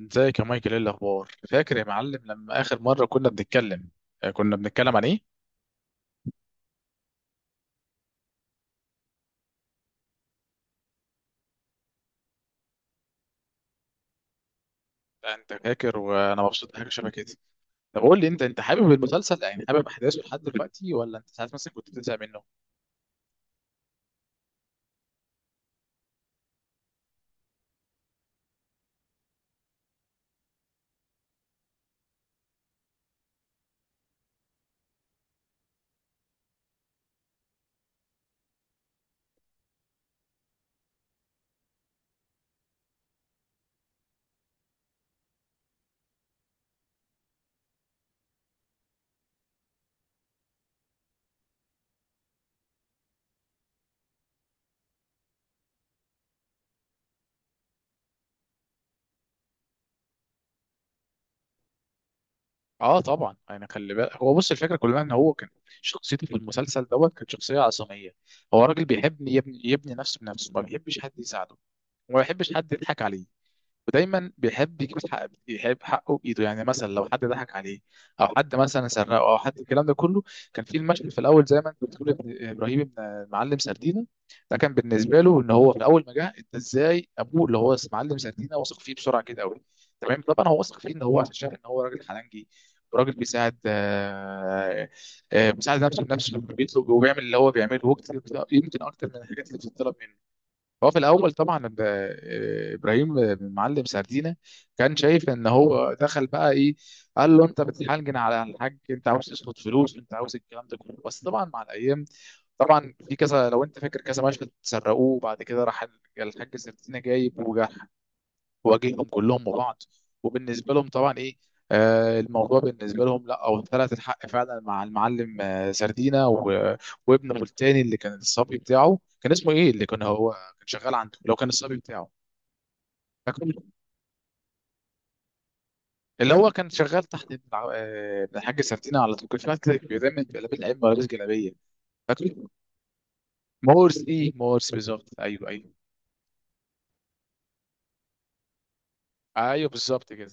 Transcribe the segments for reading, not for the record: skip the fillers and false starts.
ازيك يا مايكل، ايه الاخبار؟ فاكر يا معلم لما اخر مره كنا بنتكلم؟ كنا بنتكلم عن ايه؟ لا، انت فاكر وانا مبسوط بحاجه شبه كده. طب قول لي انت، حابب المسلسل؟ يعني حابب احداثه لحد دلوقتي ولا انت ساعات مثلا كنت بتزهق منه؟ اه طبعا، يعني خلي بالك، هو بص، الفكره كلها ان هو كان شخصيته في المسلسل دوت كانت شخصيه عصاميه. هو راجل بيحب يبني، يبني نفسه بنفسه، ما بيحبش حد يساعده، وما بيحبش حد يضحك عليه، ودايما بيحب يجيب الحق، يحب حقه بايده. يعني مثلا لو حد ضحك عليه او حد مثلا سرقه او حد، الكلام ده كله كان في المشهد في الاول. زي ما انت بتقول، يا ابراهيم ابن المعلم سردينه. ده كان بالنسبه له، ان هو في اول ما جه، انت ازاي ابوه اللي هو معلم سردينه واثق فيه بسرعه كده قوي؟ تمام، طبعا هو واثق فيه ان هو عشان شايف ان هو راجل حلنجي، وراجل بيساعد. بيساعد نفسه بنفسه، بيطلب وبيعمل اللي هو بيعمله يمكن اكتر من الحاجات اللي بتطلب منه. هو في الاول طبعا ابراهيم بن معلم سردينه كان شايف ان هو دخل بقى ايه، قال له انت بتحنجن على الحاج، انت عاوز تسلط فلوس، انت عاوز الكلام ده كله. بس طبعا مع الايام، طبعا في كذا، لو انت فاكر، كذا مشهد سرقوه وبعد كده راح الحاج سردينه جايب وجرح، واجههم كلهم وبعض. وبالنسبه لهم طبعا ايه، آه الموضوع بالنسبه لهم، لا او ثلاث الحق فعلا مع المعلم سردينا وابنه التاني اللي كان الصبي بتاعه كان اسمه ايه، اللي كان هو كان شغال عنده، اللي هو كان الصبي بتاعه، فاكره؟ اللي هو كان شغال تحت ابن ابن الحاج سردينا. على طول كان شغال كده، بيرمي جلابيه الائمه ولابس جلابيه. فاكره؟ مورس. ايه، مورس بالظبط، ايوه ايوه. ايوه بالظبط كده.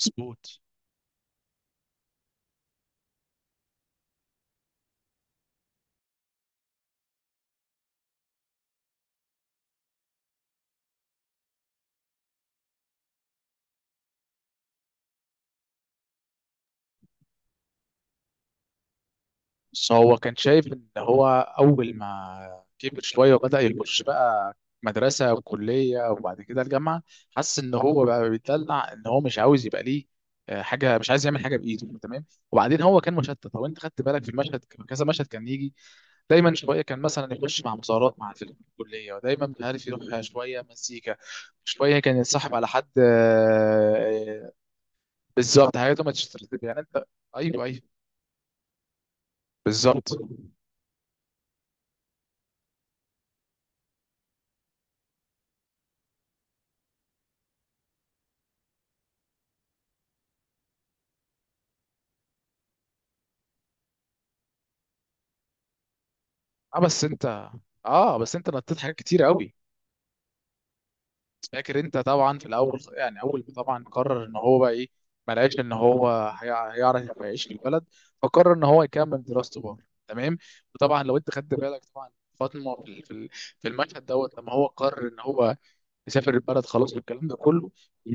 مظبوط. بس هو كان شايف ان هو اول ما كبر شويه وبدا يخش بقى مدرسه وكليه وبعد كده الجامعه، حس ان هو بقى بيتدلع، ان هو مش عاوز يبقى ليه حاجه، مش عايز يعمل حاجه بايده. تمام، وبعدين هو كان مشتت. لو انت خدت بالك في المشهد، كذا مشهد كان يجي دايما، شويه كان مثلا يخش مع مظاهرات مع في الكليه، ودايما مش عارف، يروح شويه مزيكا، شويه كان يتصاحب على حد. بالظبط، حاجاته ما تشتت، يعني انت. ايوه ايوه، بالظبط. اه بس انت نطيت حاجات كتير قوي. فاكر انت طبعا في الاول، يعني اول ما طبعا قرر ان هو بقى ايه، ما لقاش ان هو هيعرف يعيش في البلد، فقرر ان هو يكمل دراسته بره. تمام. وطبعا لو انت خدت بالك، طبعا فاطمه في المشهد دوت، لما هو قرر ان هو يسافر البلد خلاص والكلام ده كله،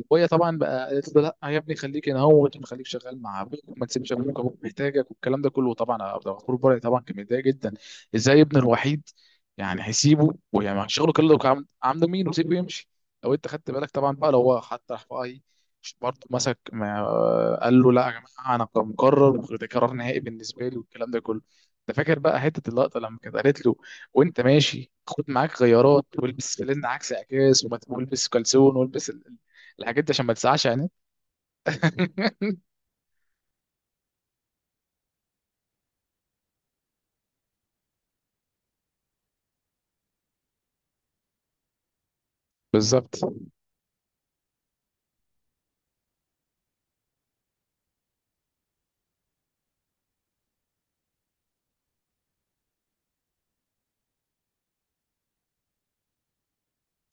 وهي طبعا بقى قالت له لا يا ابني، خليك هنا اهوت وخليك شغال مع ابوك، وما تسيبش ابوك، ابوك محتاجك والكلام ده كله. طبعا عبد الغفور البرعي طبعا كان متضايق جدا. ازاي ابنه الوحيد يعني هيسيبه؟ ويعني شغله كله كان عند مين وسيبه يمشي. لو انت خدت بالك طبعا، بقى لو هو حتى راح بقى ايه، برضه مسك، ما قال له لا يا جماعه، انا مقرر وده قرار نهائي بالنسبه لي والكلام ده كله. انت فاكر بقى حته اللقطه لما كانت قالت له وانت ماشي، خد معاك غيارات والبس فانلة عكس عكاز والبس كلسون والبس الحاجات دي عشان ما تسعش يعني. بالظبط.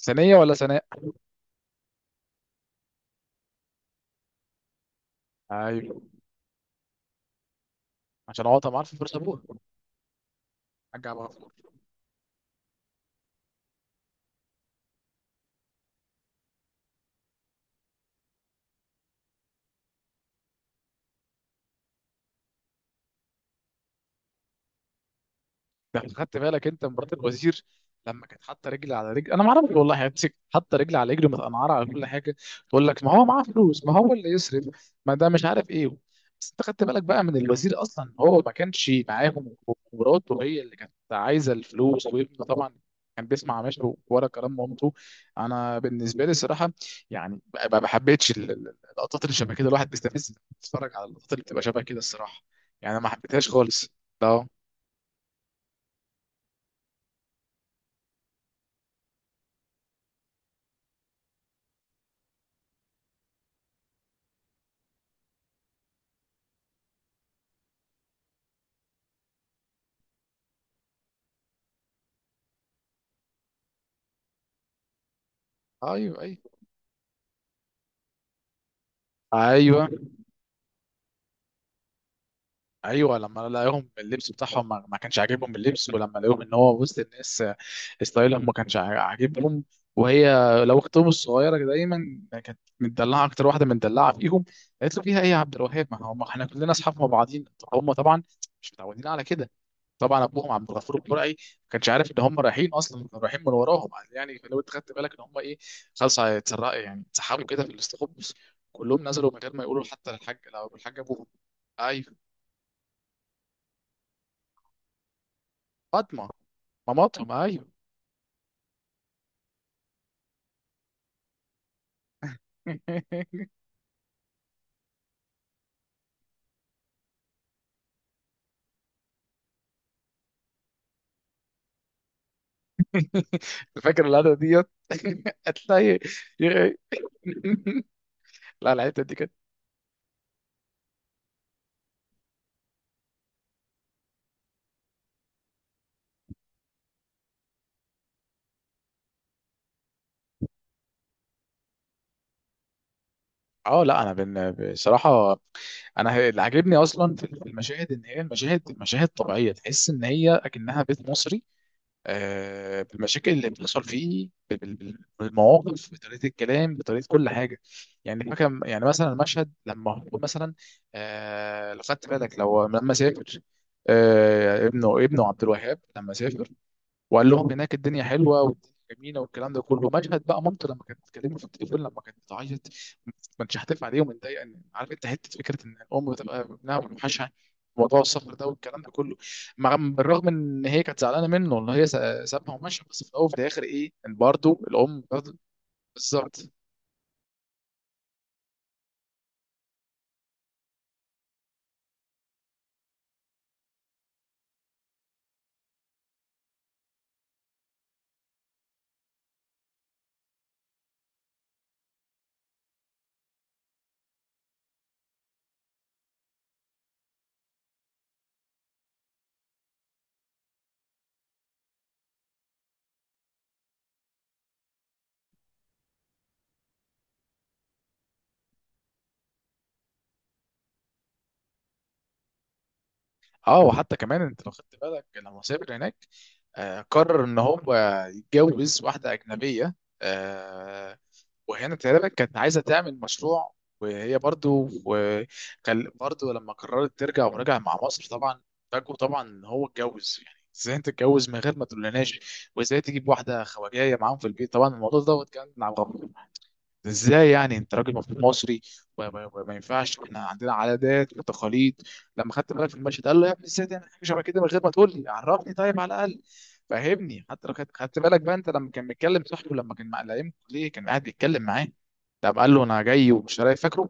ثانية ولا ثناء؟ ايوه، عشان اقعد معاه في الفرصة ابوها. حاج عبد، ده أنت خدت بالك انت، مرات الوزير لما كانت حاطه رجل على رجل؟ انا ما اعرفش والله، يعني حاطه رجل على رجل، متقنعره على كل حاجه. تقول لك ما هو معاه فلوس، ما هو اللي يصرف، ما ده مش عارف ايه. بس انت خدت بالك بقى، من الوزير اصلا هو ما كانش معاهم، ومراته هي اللي كانت عايزه الفلوس، وابنه طبعا كان بيسمع ماشي ورا كلام مامته. انا بالنسبه لي الصراحه يعني، ما حبيتش اللقطات اللي شبه كده. الواحد بيستفز لما بيتفرج على اللقطات اللي بتبقى شبه كده الصراحه، يعني ما حبيتهاش خالص. لا. ايوه ايوه ايوه. ايوه لما لقاهم اللبس بتاعهم ما كانش عاجبهم اللبس، ولما لقاهم ان هو وسط الناس، ستايلهم ما كانش عاجبهم. وهي، لو اختهم الصغيره دايما كانت متدلعه، اكتر واحده متدلعه فيهم، قالت له فيها ايه يا عبد الوهاب، ما هم احنا كلنا اصحاب مع بعضين. هم طبعا مش متعودين على كده. طبعا ابوهم عبد الغفور البرعي ما كانش عارف ان هم رايحين اصلا، كانوا رايحين من وراهم. يعني لو انت خدت بالك، ان هم ايه، خلاص هيتسرقوا، يعني اتسحبوا كده في الاستخبص، كلهم نزلوا من غير ما يقولوا حتى للحاج، لو الحاج ابوهم. ايوه، فاطمه. ماماتهم، ايوه. فاكر القعده ديت؟ هتلاقي. لا، الحته دي كانت. اه لا، انا بصراحه انا اللي عاجبني اصلا في المشاهد، ان هي المشاهد مشاهد طبيعيه، تحس ان هي اكنها بيت مصري، بالمشاكل اللي بتحصل فيه، بالمواقف، بطريقه الكلام، بطريقه كل حاجه. يعني فاكر يعني مثلا المشهد لما هو مثلا، لو خدت بالك لو لما سافر، ابنه عبد الوهاب لما سافر، وقال لهم هناك الدنيا حلوه والدنيا جميله والكلام ده كله. مشهد بقى مامته لما كانت بتكلمه في التليفون، لما كانت بتعيط، ما كانتش هتف عليه ومتضايقه، ان عارف انت حته فكره ان الام بتبقى ابنها بتوحشها، موضوع السفر ده والكلام ده كله. مع بالرغم ان هي كانت زعلانه منه ان هي سابها ومشى، بس في الاول وفي الاخر ايه ان برضه الام برضه. بالظبط. اه، وحتى كمان انت لو خدت بالك لما سافر هناك، قرر ان هو يتجوز واحده اجنبيه. آه، وهنا تقريبا كانت عايزه تعمل مشروع، وهي برضو، وكان برضو لما قررت ترجع ورجع مع مصر طبعا، فاجئوا طبعا ان هو اتجوز. يعني ازاي انت تتجوز من غير ما تقولناش، وازاي تجيب واحده خواجايه معاهم في البيت؟ طبعا الموضوع دوت كان عبقري. ازاي يعني انت راجل المفروض مصري، وما ينفعش، احنا عندنا عادات وتقاليد. لما خدت بالك في المشهد قال له يا ابني ازاي تعمل حاجه شبه كده من غير ما تقول لي؟ عرفني طيب، على الاقل فهمني. حتى لو خدت بالك بقى انت لما كان بيتكلم صاحبه، لما كان مع لئيم، ليه كان قاعد بيتكلم معاه؟ طب قال له انا جاي ومش رايح، فاكره؟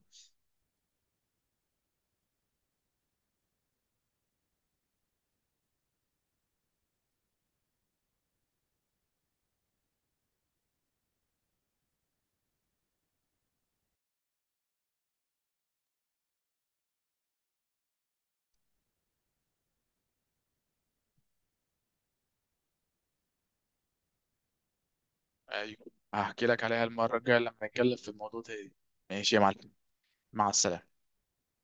ايوه. هحكي لك عليها المره الجايه لما نتكلم في الموضوع ده. ماشي يا معلم. مع السلامه.